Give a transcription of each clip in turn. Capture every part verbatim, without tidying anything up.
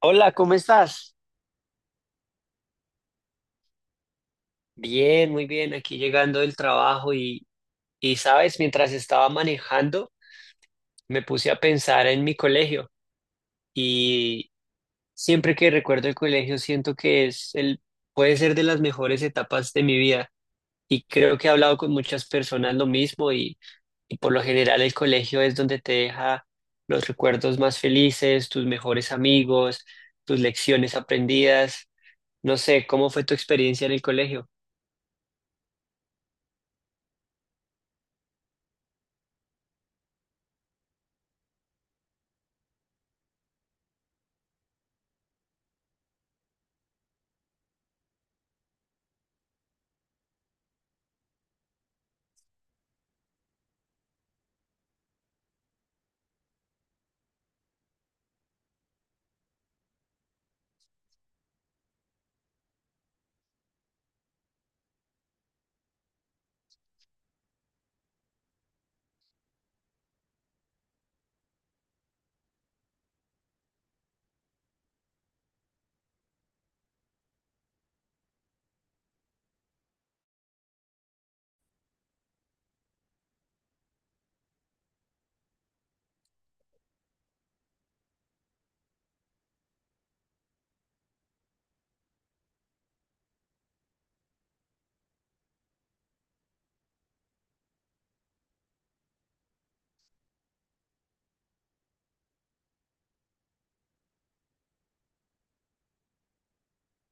Hola, ¿cómo estás? Bien, muy bien, aquí llegando del trabajo y, y sabes, mientras estaba manejando, me puse a pensar en mi colegio y siempre que recuerdo el colegio siento que es el, puede ser de las mejores etapas de mi vida y creo que he hablado con muchas personas lo mismo y, y por lo general el colegio es donde te deja los recuerdos más felices, tus mejores amigos, tus lecciones aprendidas. No sé, ¿cómo fue tu experiencia en el colegio?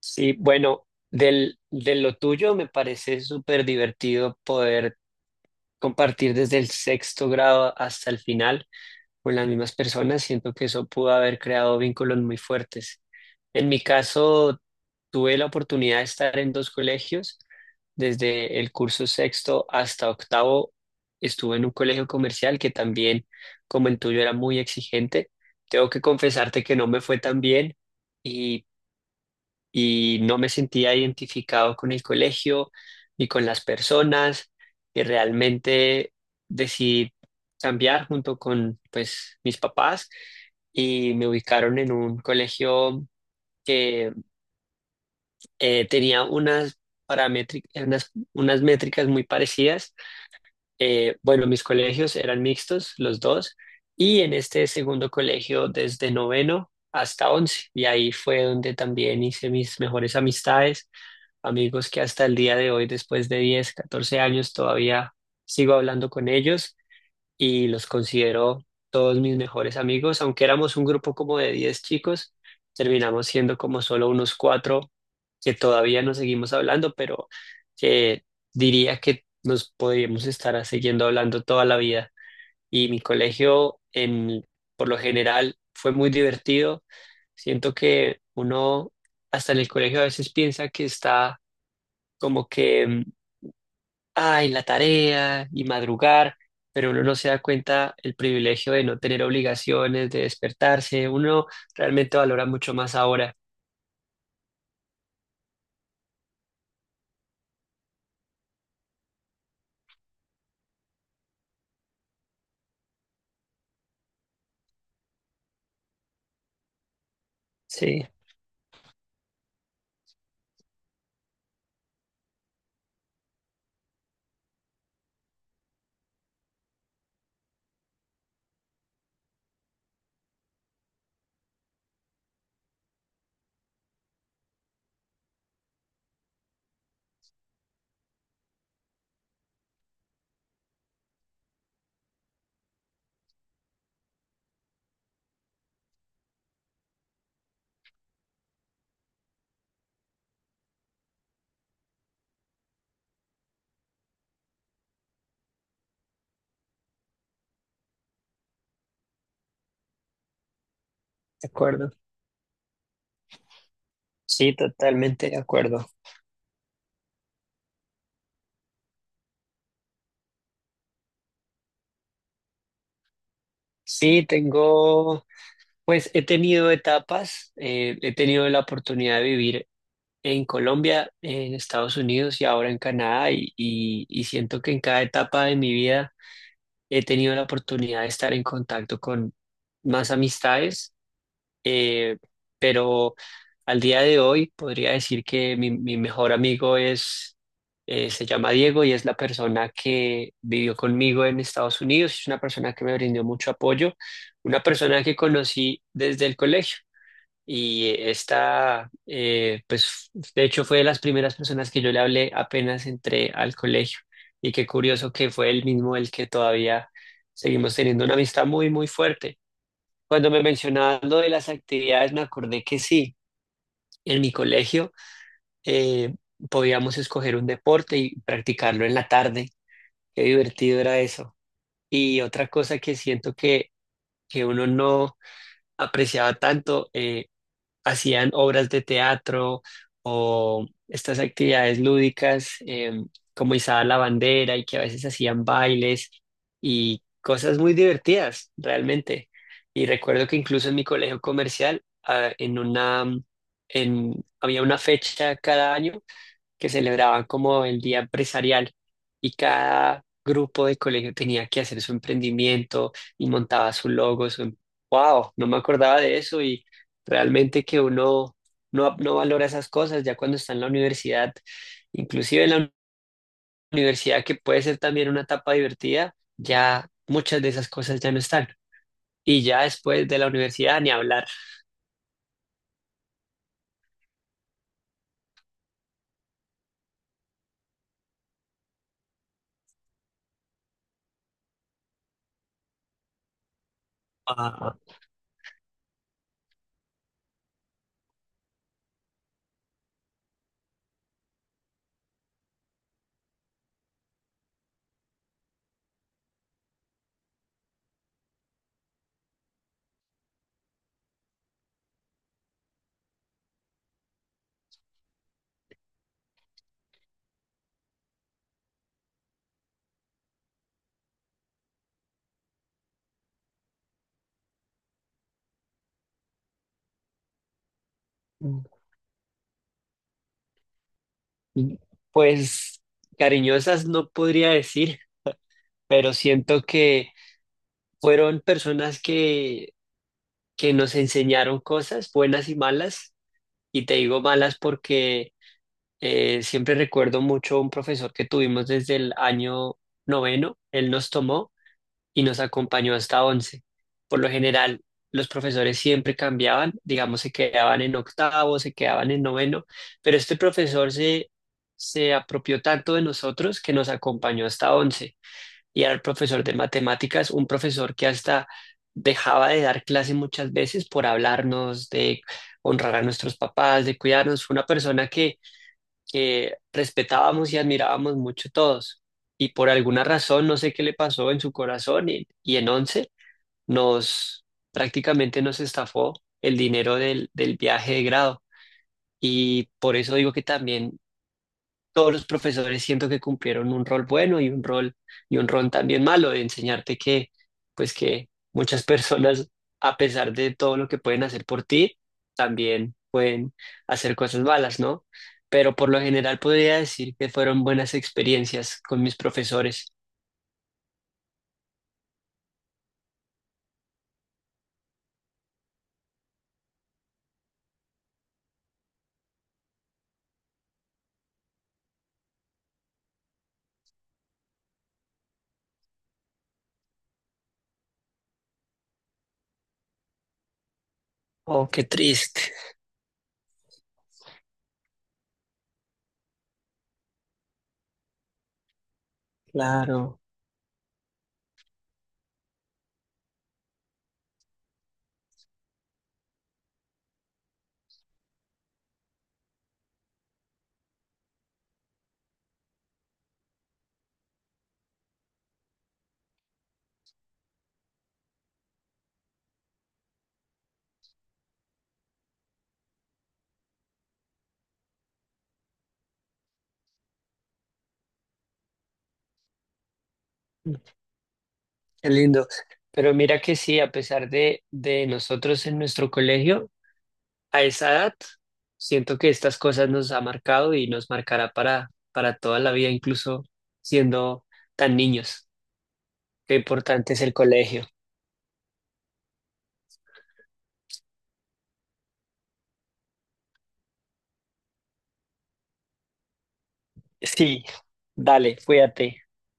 Sí, bueno, del, de lo tuyo me parece súper divertido poder compartir desde el sexto grado hasta el final con las mismas personas. Siento que eso pudo haber creado vínculos muy fuertes. En mi caso, tuve la oportunidad de estar en dos colegios. Desde el curso sexto hasta octavo estuve en un colegio comercial que también, como el tuyo, era muy exigente. Tengo que confesarte que no me fue tan bien y y no me sentía identificado con el colegio ni con las personas y realmente decidí cambiar junto con pues mis papás y me ubicaron en un colegio que eh, tenía unas paramétricas, unas, unas métricas muy parecidas. Eh, bueno, mis colegios eran mixtos, los dos, y en este segundo colegio desde noveno hasta once, y ahí fue donde también hice mis mejores amistades amigos que hasta el día de hoy, después de diez catorce años, todavía sigo hablando con ellos y los considero todos mis mejores amigos. Aunque éramos un grupo como de diez chicos, terminamos siendo como solo unos cuatro que todavía nos seguimos hablando, pero que diría que nos podríamos estar siguiendo hablando toda la vida. Y mi colegio, en, por lo general, fue muy divertido. Siento que uno hasta en el colegio a veces piensa que está como que, mm, ay, la tarea y madrugar, pero uno no se da cuenta el privilegio de no tener obligaciones, de despertarse, uno realmente valora mucho más ahora. Sí, de acuerdo. Sí, totalmente de acuerdo. Sí, tengo, pues he tenido etapas, eh, he tenido la oportunidad de vivir en Colombia, en Estados Unidos y ahora en Canadá y, y y siento que en cada etapa de mi vida he tenido la oportunidad de estar en contacto con más amistades eh, pero al día de hoy podría decir que mi, mi mejor amigo es, eh, se llama Diego y es la persona que vivió conmigo en Estados Unidos, es una persona que me brindó mucho apoyo, una persona que conocí desde el colegio. Y eh, esta, eh, pues, de hecho fue de las primeras personas que yo le hablé apenas entré al colegio. Y qué curioso que fue él mismo el que todavía seguimos teniendo una amistad muy, muy fuerte. Cuando me mencionaban lo de las actividades, me acordé que sí, en mi colegio eh, podíamos escoger un deporte y practicarlo en la tarde. Qué divertido era eso. Y otra cosa que siento que, que uno no apreciaba tanto, eh, hacían obras de teatro o estas actividades lúdicas eh, como izar la bandera y que a veces hacían bailes y cosas muy divertidas realmente. Y recuerdo que incluso en mi colegio comercial, ah, en una, en, había una fecha cada año que celebraban como el día empresarial y cada grupo de colegio tenía que hacer su emprendimiento y montaba su logo, su... ¡Wow! No me acordaba de eso y realmente que uno no, no valora esas cosas ya cuando está en la universidad, inclusive en la universidad que puede ser también una etapa divertida, ya muchas de esas cosas ya no están. Y ya después de la universidad ni hablar. Ah, mm, Pues cariñosas no podría decir, pero siento que fueron personas que, que nos enseñaron cosas buenas y malas, y te digo malas porque eh, siempre recuerdo mucho un profesor que tuvimos desde el año noveno, él nos tomó y nos acompañó hasta once. Por lo general, los profesores siempre cambiaban, digamos, se quedaban en octavo, se quedaban en noveno, pero este profesor se, se apropió tanto de nosotros que nos acompañó hasta once y era el profesor de matemáticas, un profesor que hasta dejaba de dar clase muchas veces por hablarnos, de honrar a nuestros papás, de cuidarnos. Fue una persona que, que respetábamos y admirábamos mucho todos. Y por alguna razón, no sé qué le pasó en su corazón y, y en once, nos prácticamente nos estafó el dinero del, del viaje de grado. Y por eso digo que también todos los profesores siento que cumplieron un rol bueno y un rol y un rol también malo de enseñarte que pues que muchas personas a pesar de todo lo que pueden hacer por ti también pueden hacer cosas malas, ¿no? Pero por lo general podría decir que fueron buenas experiencias con mis profesores. Oh, qué triste, claro, qué lindo. Pero mira que sí, a pesar de, de nosotros en nuestro colegio, a esa edad, siento que estas cosas nos ha marcado y nos marcará para, para toda la vida, incluso siendo tan niños. Qué importante es el colegio. Sí, dale, cuídate.